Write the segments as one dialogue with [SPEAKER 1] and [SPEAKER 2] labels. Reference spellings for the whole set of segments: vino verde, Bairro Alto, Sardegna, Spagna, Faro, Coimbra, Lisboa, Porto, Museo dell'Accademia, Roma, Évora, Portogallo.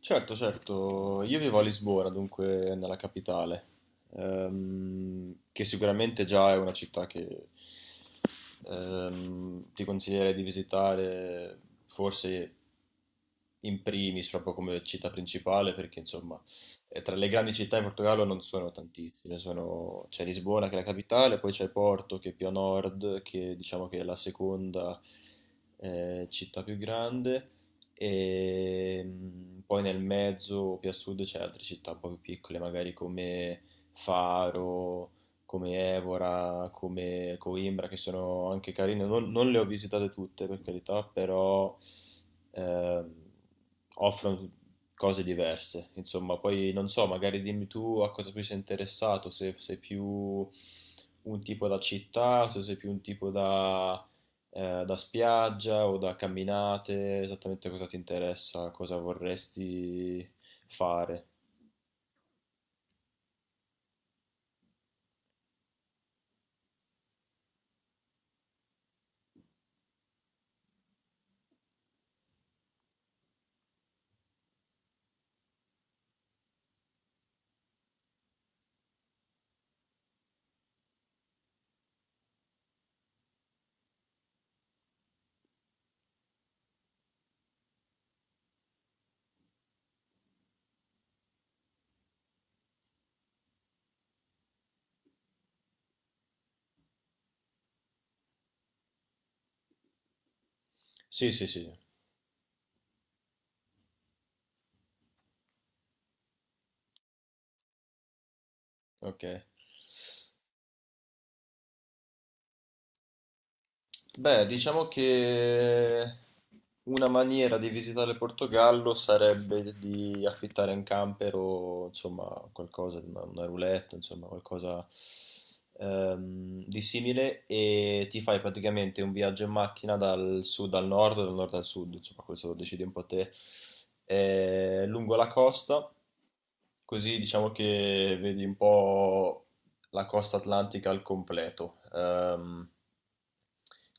[SPEAKER 1] Certo, certo, io vivo a Lisbona, dunque nella capitale, che sicuramente già è una città che... ti consiglierei di visitare forse in primis proprio come città principale, perché insomma tra le grandi città in Portogallo non sono tantissime, c'è Lisbona, che è la capitale, poi c'è Porto, che è più a nord, che diciamo che è la seconda città più grande, e poi nel mezzo più a sud c'è altre città un po' più piccole magari come Faro, come Evora, come Coimbra, che sono anche carine. Non le ho visitate tutte, per carità, però ehm, offrono cose diverse. Insomma, poi non so, magari dimmi tu a cosa più sei interessato, se sei più un tipo da città, se sei più un tipo da, da spiaggia o da camminate, esattamente cosa ti interessa, cosa vorresti fare. Sì, sì, sì, ok. Beh, diciamo che una maniera di visitare il Portogallo sarebbe di affittare un camper o insomma qualcosa, una roulette, insomma qualcosa di simile, e ti fai praticamente un viaggio in macchina dal sud al nord, dal nord al sud, insomma questo lo decidi un po' te, lungo la costa, così diciamo che vedi un po' la costa atlantica al completo.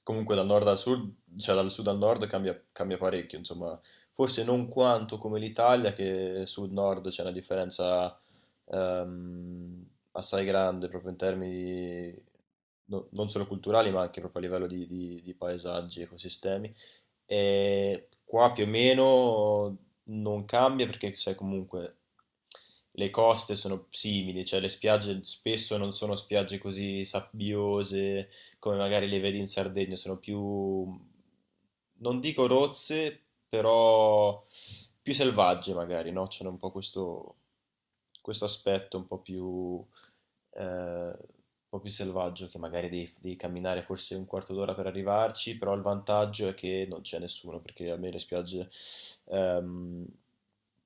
[SPEAKER 1] Comunque dal nord al sud, cioè dal sud al nord cambia, cambia parecchio, insomma, forse non quanto come l'Italia, che sud-nord c'è una differenza ehm, assai grande proprio in termini non solo culturali, ma anche proprio a livello di, di paesaggi, ecosistemi. E qua più o meno non cambia, perché sai comunque le coste sono simili, cioè le spiagge spesso non sono spiagge così sabbiose come magari le vedi in Sardegna, sono più, non dico rozze, però più selvagge magari, no? C'è un po' questo aspetto un po' più selvaggio, che magari devi, devi camminare forse un quarto d'ora per arrivarci, però il vantaggio è che non c'è nessuno, perché a me le spiagge ehm,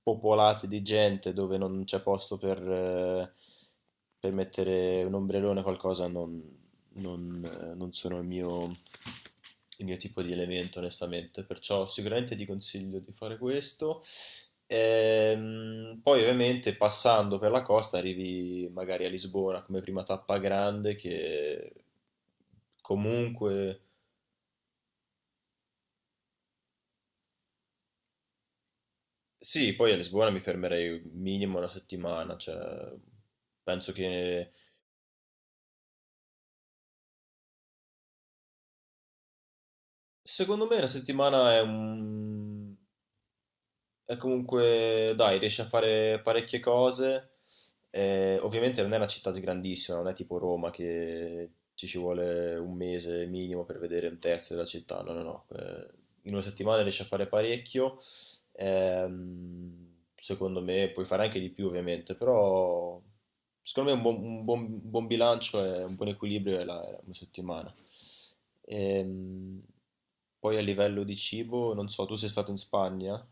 [SPEAKER 1] popolate di gente dove non c'è posto per mettere un ombrellone o qualcosa non, non sono il mio tipo di elemento, onestamente, perciò sicuramente ti consiglio di fare questo. Poi ovviamente passando per la costa arrivi magari a Lisbona come prima tappa grande, che comunque sì, poi a Lisbona mi fermerei minimo una settimana, cioè penso che secondo me una settimana è un... E comunque, dai, riesce a fare parecchie cose. Ovviamente non è una città grandissima, non è tipo Roma, che ci vuole un mese minimo per vedere un terzo della città. No, no, no. In una settimana riesce a fare parecchio. Secondo me puoi fare anche di più, ovviamente, però secondo me un buon, un buon bilancio e un buon equilibrio è, è una settimana. Ehm, Poi a livello di cibo, non so, tu sei stato in Spagna?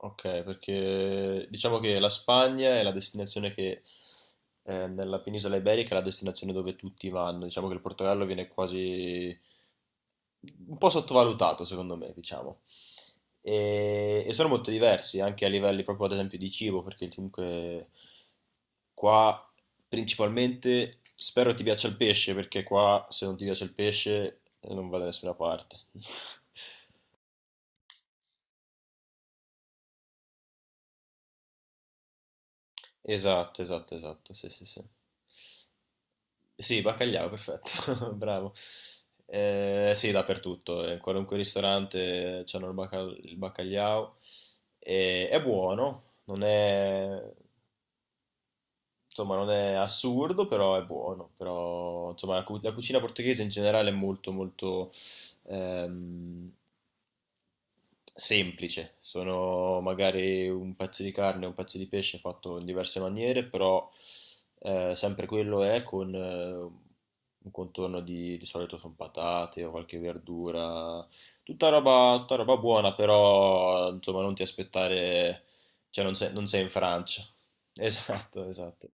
[SPEAKER 1] Ok, perché diciamo che la Spagna è la destinazione che nella penisola iberica è la destinazione dove tutti vanno. Diciamo che il Portogallo viene quasi un po' sottovalutato, secondo me, diciamo. E sono molto diversi anche a livelli proprio ad esempio di cibo, perché comunque qua principalmente spero ti piaccia il pesce, perché qua se non ti piace il pesce, non va da nessuna parte. Esatto, esatto, esatto, sì, sì, sì. Sì, bacalliao, perfetto, bravo. Sì, dappertutto, in qualunque ristorante c'hanno il, il bacalliao. È buono, non è, insomma, non è assurdo, però è buono. Però, insomma, la, la cucina portoghese in generale è molto, molto ehm, semplice, sono magari un pezzo di carne, un pezzo di pesce fatto in diverse maniere, però sempre quello è con un contorno di solito sono patate o qualche verdura, tutta roba buona, però insomma non ti aspettare, cioè non sei, non sei in Francia. Esatto, esatto.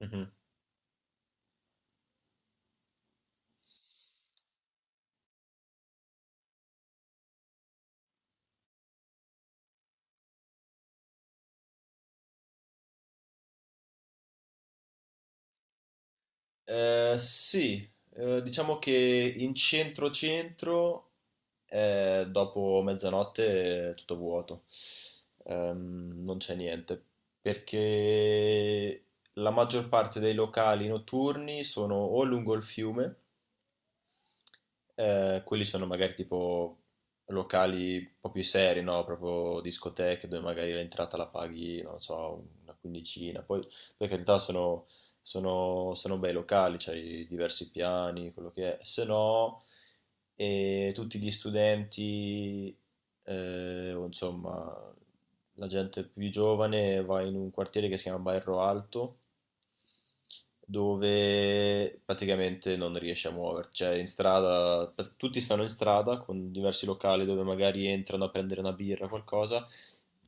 [SPEAKER 1] Mhm. Sì, diciamo che in centro-centro, dopo mezzanotte è tutto vuoto. Non c'è niente, perché la maggior parte dei locali notturni sono o lungo il fiume, quelli sono magari tipo locali un po' più seri, no? Proprio discoteche dove magari l'entrata la paghi, non so, una quindicina. Poi, per carità, sono bei locali, c'hai diversi piani, quello che è. Se no, tutti gli studenti, o insomma, la gente più giovane va in un quartiere che si chiama Bairro Alto, dove praticamente non riesci a muoverti, cioè in strada, tutti stanno in strada con diversi locali dove magari entrano a prendere una birra o qualcosa,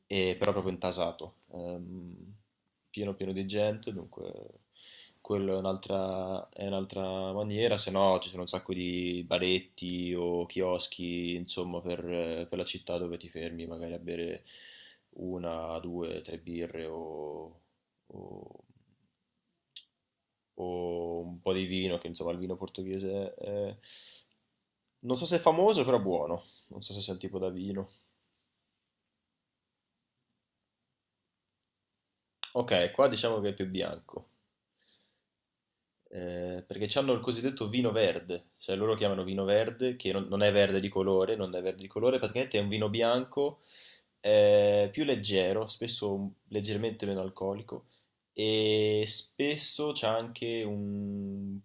[SPEAKER 1] e però proprio intasato, pieno pieno di gente, dunque quello è è un'altra maniera. Se no ci sono un sacco di baretti o chioschi, insomma, per la città, dove ti fermi magari a bere una, due, tre birre o o un po' di vino, che insomma il vino portoghese è... non so se è famoso, però buono. Non so se sia un tipo da vino. Ok, qua diciamo che è più bianco. Perché hanno il cosiddetto vino verde, cioè loro chiamano vino verde, che non, non è verde di colore, non è verde di colore, praticamente è un vino bianco, più leggero, spesso leggermente meno alcolico, e spesso c'è anche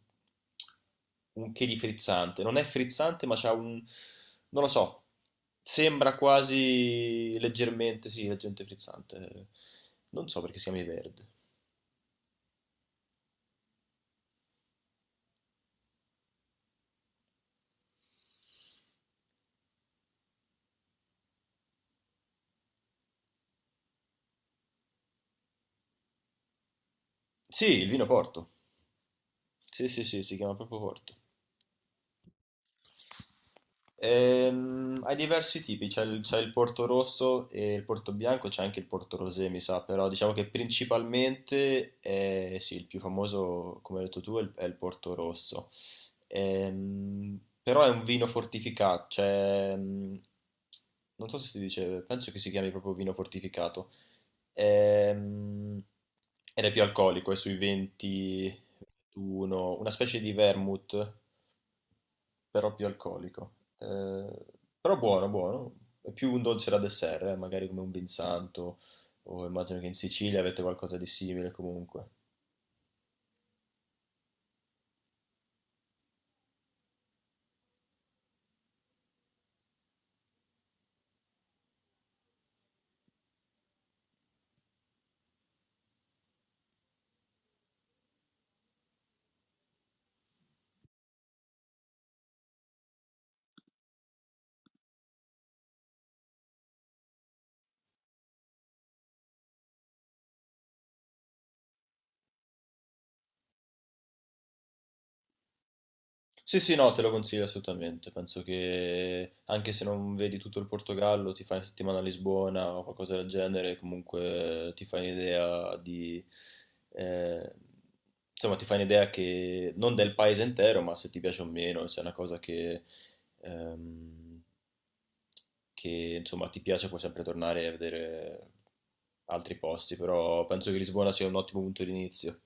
[SPEAKER 1] un che di frizzante, non è frizzante ma c'ha un, non lo so, sembra quasi leggermente, sì, leggermente frizzante, non so perché si chiami verde. Sì, il vino Porto. Sì, sì, sì, si chiama proprio Porto. Hai diversi tipi, c'è il Porto Rosso e il Porto Bianco, c'è anche il Porto Rosé, mi sa, però diciamo che principalmente è, sì, il più famoso, come hai detto tu, è il Porto Rosso. Però è un vino fortificato, cioè, non so se si dice, penso che si chiami proprio vino fortificato. Ehm, Ed è più alcolico, è sui 20, 21, una specie di vermouth però più alcolico. Eh, però buono, buono. È più un dolce da dessert, magari come un vinsanto, o immagino che in Sicilia avete qualcosa di simile comunque. Sì, sì, no, te lo consiglio assolutamente. Penso che anche se non vedi tutto il Portogallo, ti fai una settimana a Lisbona o qualcosa del genere, comunque ti fai un'idea di... eh, insomma, ti fai un'idea che non del paese intero, ma se ti piace o meno, se è una cosa ehm, che insomma ti piace, puoi sempre tornare a vedere altri posti, però penso che Lisbona sia un ottimo punto di inizio.